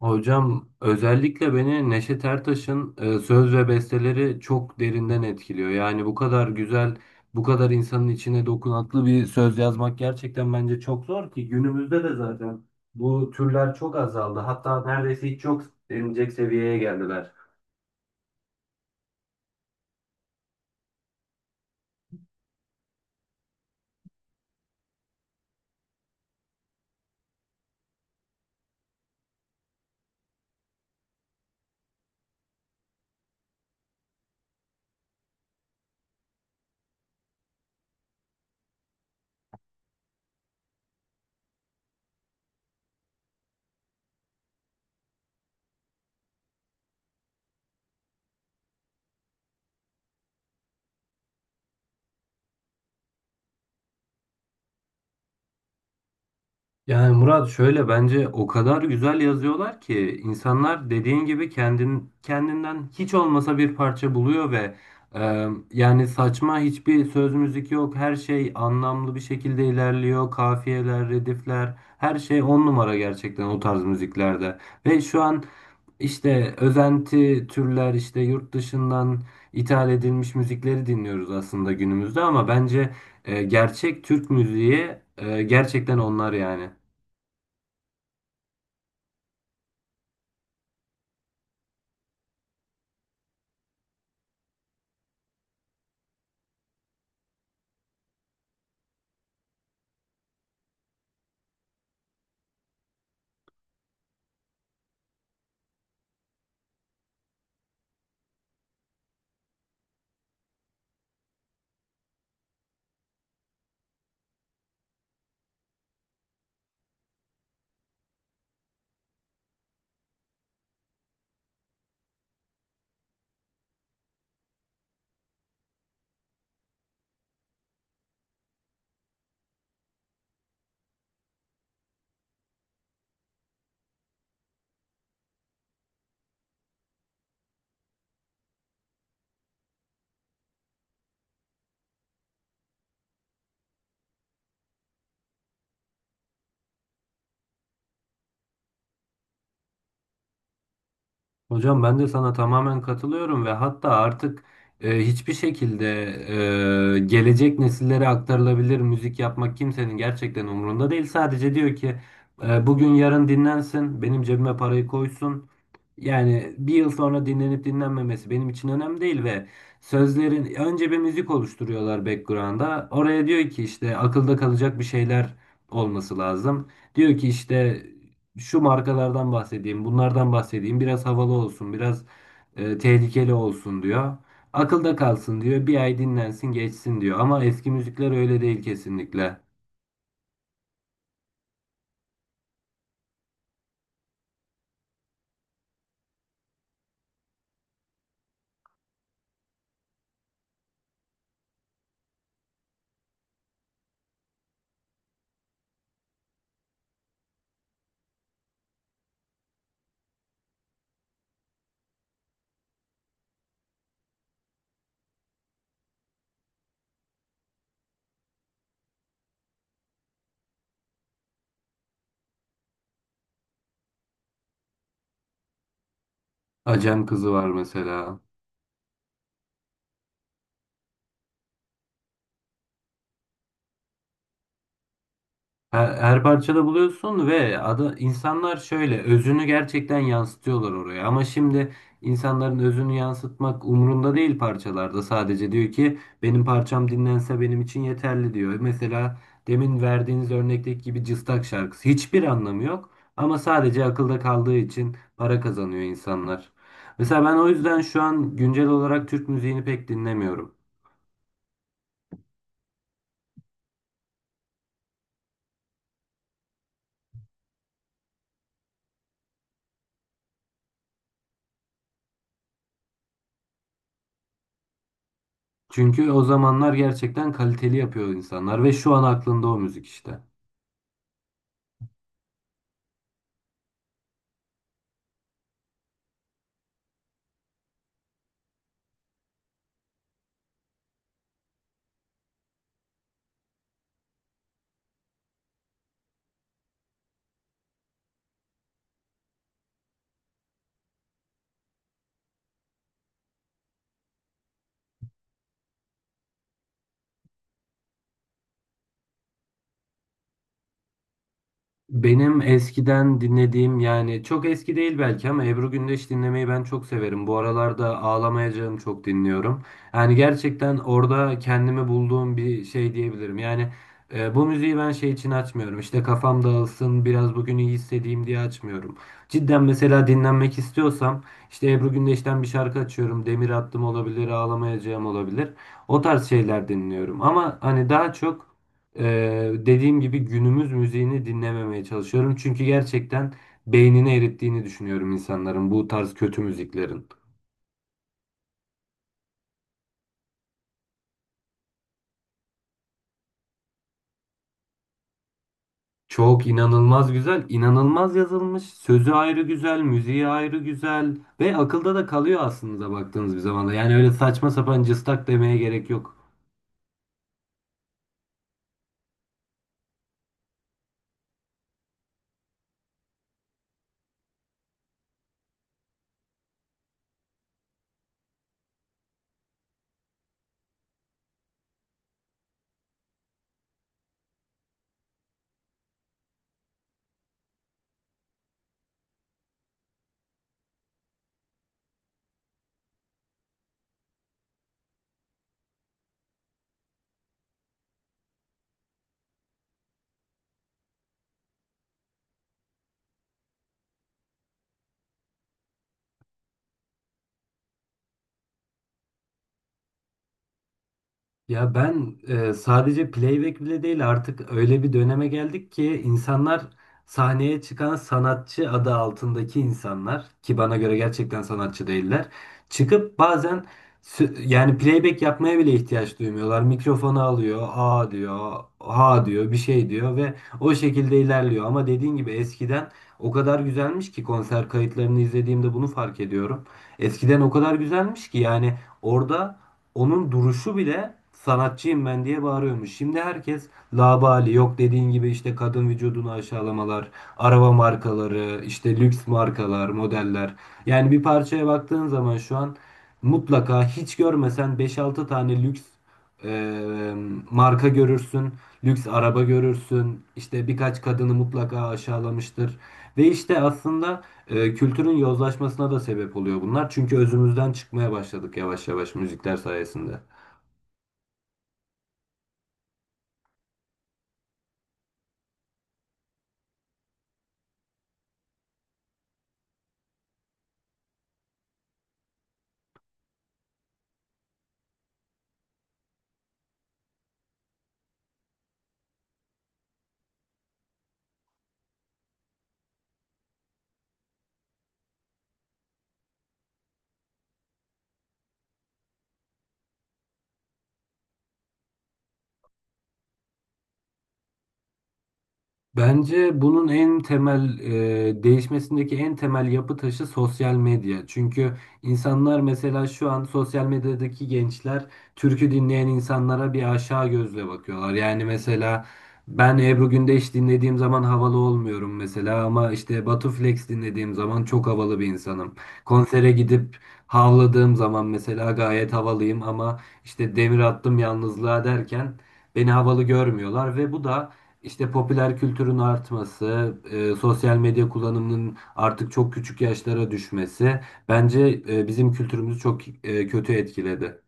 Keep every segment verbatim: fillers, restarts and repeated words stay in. Hocam özellikle beni Neşet Ertaş'ın e, söz ve besteleri çok derinden etkiliyor. Yani bu kadar güzel, bu kadar insanın içine dokunaklı bir söz yazmak gerçekten bence çok zor ki günümüzde de zaten bu türler çok azaldı. Hatta neredeyse hiç yok denilecek seviyeye geldiler. Yani Murat şöyle bence o kadar güzel yazıyorlar ki insanlar dediğin gibi kendin, kendinden hiç olmasa bir parça buluyor ve e, yani saçma hiçbir söz müzik yok. Her şey anlamlı bir şekilde ilerliyor. Kafiyeler, redifler her şey on numara gerçekten o tarz müziklerde. Ve şu an işte özenti türler işte yurt dışından ithal edilmiş müzikleri dinliyoruz aslında günümüzde ama bence e, gerçek Türk müziği e, gerçekten onlar yani. Hocam ben de sana tamamen katılıyorum ve hatta artık e, hiçbir şekilde e, gelecek nesillere aktarılabilir müzik yapmak kimsenin gerçekten umurunda değil. Sadece diyor ki e, bugün yarın dinlensin, benim cebime parayı koysun. Yani bir yıl sonra dinlenip dinlenmemesi benim için önemli değil ve sözlerin önce bir müzik oluşturuyorlar background'a. Oraya diyor ki işte akılda kalacak bir şeyler olması lazım. Diyor ki işte şu markalardan bahsedeyim, bunlardan bahsedeyim. Biraz havalı olsun, biraz e, tehlikeli olsun diyor. Akılda kalsın diyor. Bir ay dinlensin, geçsin diyor. Ama eski müzikler öyle değil kesinlikle. Acem Kızı var mesela. Her, her parçada buluyorsun ve ada, insanlar şöyle özünü gerçekten yansıtıyorlar oraya. Ama şimdi insanların özünü yansıtmak umurunda değil parçalarda. Sadece diyor ki benim parçam dinlense benim için yeterli diyor. Mesela demin verdiğiniz örnekteki gibi Cıstak şarkısı. Hiçbir anlamı yok ama sadece akılda kaldığı için para kazanıyor insanlar. Mesela ben o yüzden şu an güncel olarak Türk müziğini pek dinlemiyorum. Çünkü o zamanlar gerçekten kaliteli yapıyor insanlar ve şu an aklında o müzik işte. Benim eskiden dinlediğim yani çok eski değil belki ama Ebru Gündeş dinlemeyi ben çok severim. Bu aralarda Ağlamayacağım çok dinliyorum. Yani gerçekten orada kendimi bulduğum bir şey diyebilirim. Yani e, bu müziği ben şey için açmıyorum. İşte kafam dağılsın biraz bugün iyi hissedeyim diye açmıyorum. Cidden mesela dinlenmek istiyorsam işte Ebru Gündeş'ten bir şarkı açıyorum. Demir Attım olabilir, Ağlamayacağım olabilir. O tarz şeyler dinliyorum. Ama hani daha çok ee, dediğim gibi günümüz müziğini dinlememeye çalışıyorum. Çünkü gerçekten beynini erittiğini düşünüyorum insanların bu tarz kötü müziklerin. Çok inanılmaz güzel, inanılmaz yazılmış. Sözü ayrı güzel, müziği ayrı güzel ve akılda da kalıyor aslında baktığınız bir zamanda. Yani öyle saçma sapan cıstak demeye gerek yok. Ya ben e, sadece playback bile değil artık öyle bir döneme geldik ki insanlar sahneye çıkan sanatçı adı altındaki insanlar ki bana göre gerçekten sanatçı değiller çıkıp bazen sü- yani playback yapmaya bile ihtiyaç duymuyorlar. Mikrofonu alıyor, a diyor, ha diyor, bir şey diyor ve o şekilde ilerliyor. Ama dediğin gibi eskiden o kadar güzelmiş ki konser kayıtlarını izlediğimde bunu fark ediyorum. Eskiden o kadar güzelmiş ki yani orada onun duruşu bile sanatçıyım ben diye bağırıyormuş. Şimdi herkes labali yok dediğin gibi işte kadın vücudunu aşağılamalar, araba markaları, işte lüks markalar, modeller. Yani bir parçaya baktığın zaman şu an mutlaka hiç görmesen beş altı tane lüks e, marka görürsün, lüks araba görürsün, işte birkaç kadını mutlaka aşağılamıştır. Ve işte aslında e, kültürün yozlaşmasına da sebep oluyor bunlar. Çünkü özümüzden çıkmaya başladık yavaş yavaş müzikler sayesinde. Bence bunun en temel e, değişmesindeki en temel yapı taşı sosyal medya. Çünkü insanlar mesela şu an sosyal medyadaki gençler türkü dinleyen insanlara bir aşağı gözle bakıyorlar. Yani mesela ben Ebru Gündeş dinlediğim zaman havalı olmuyorum mesela ama işte Batu Flex dinlediğim zaman çok havalı bir insanım. Konsere gidip havladığım zaman mesela gayet havalıyım ama işte demir attım yalnızlığa derken beni havalı görmüyorlar ve bu da işte popüler kültürün artması, e, sosyal medya kullanımının artık çok küçük yaşlara düşmesi bence e, bizim kültürümüzü çok e, kötü etkiledi.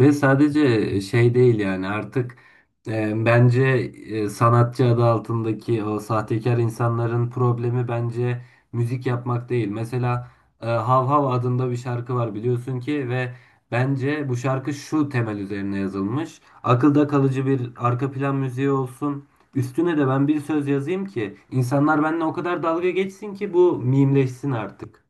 Ve sadece şey değil yani artık e, bence e, sanatçı adı altındaki o sahtekar insanların problemi bence müzik yapmak değil. Mesela e, Hav Hav adında bir şarkı var biliyorsun ki ve bence bu şarkı şu temel üzerine yazılmış. Akılda kalıcı bir arka plan müziği olsun. Üstüne de ben bir söz yazayım ki insanlar benimle o kadar dalga geçsin ki bu mimleşsin artık.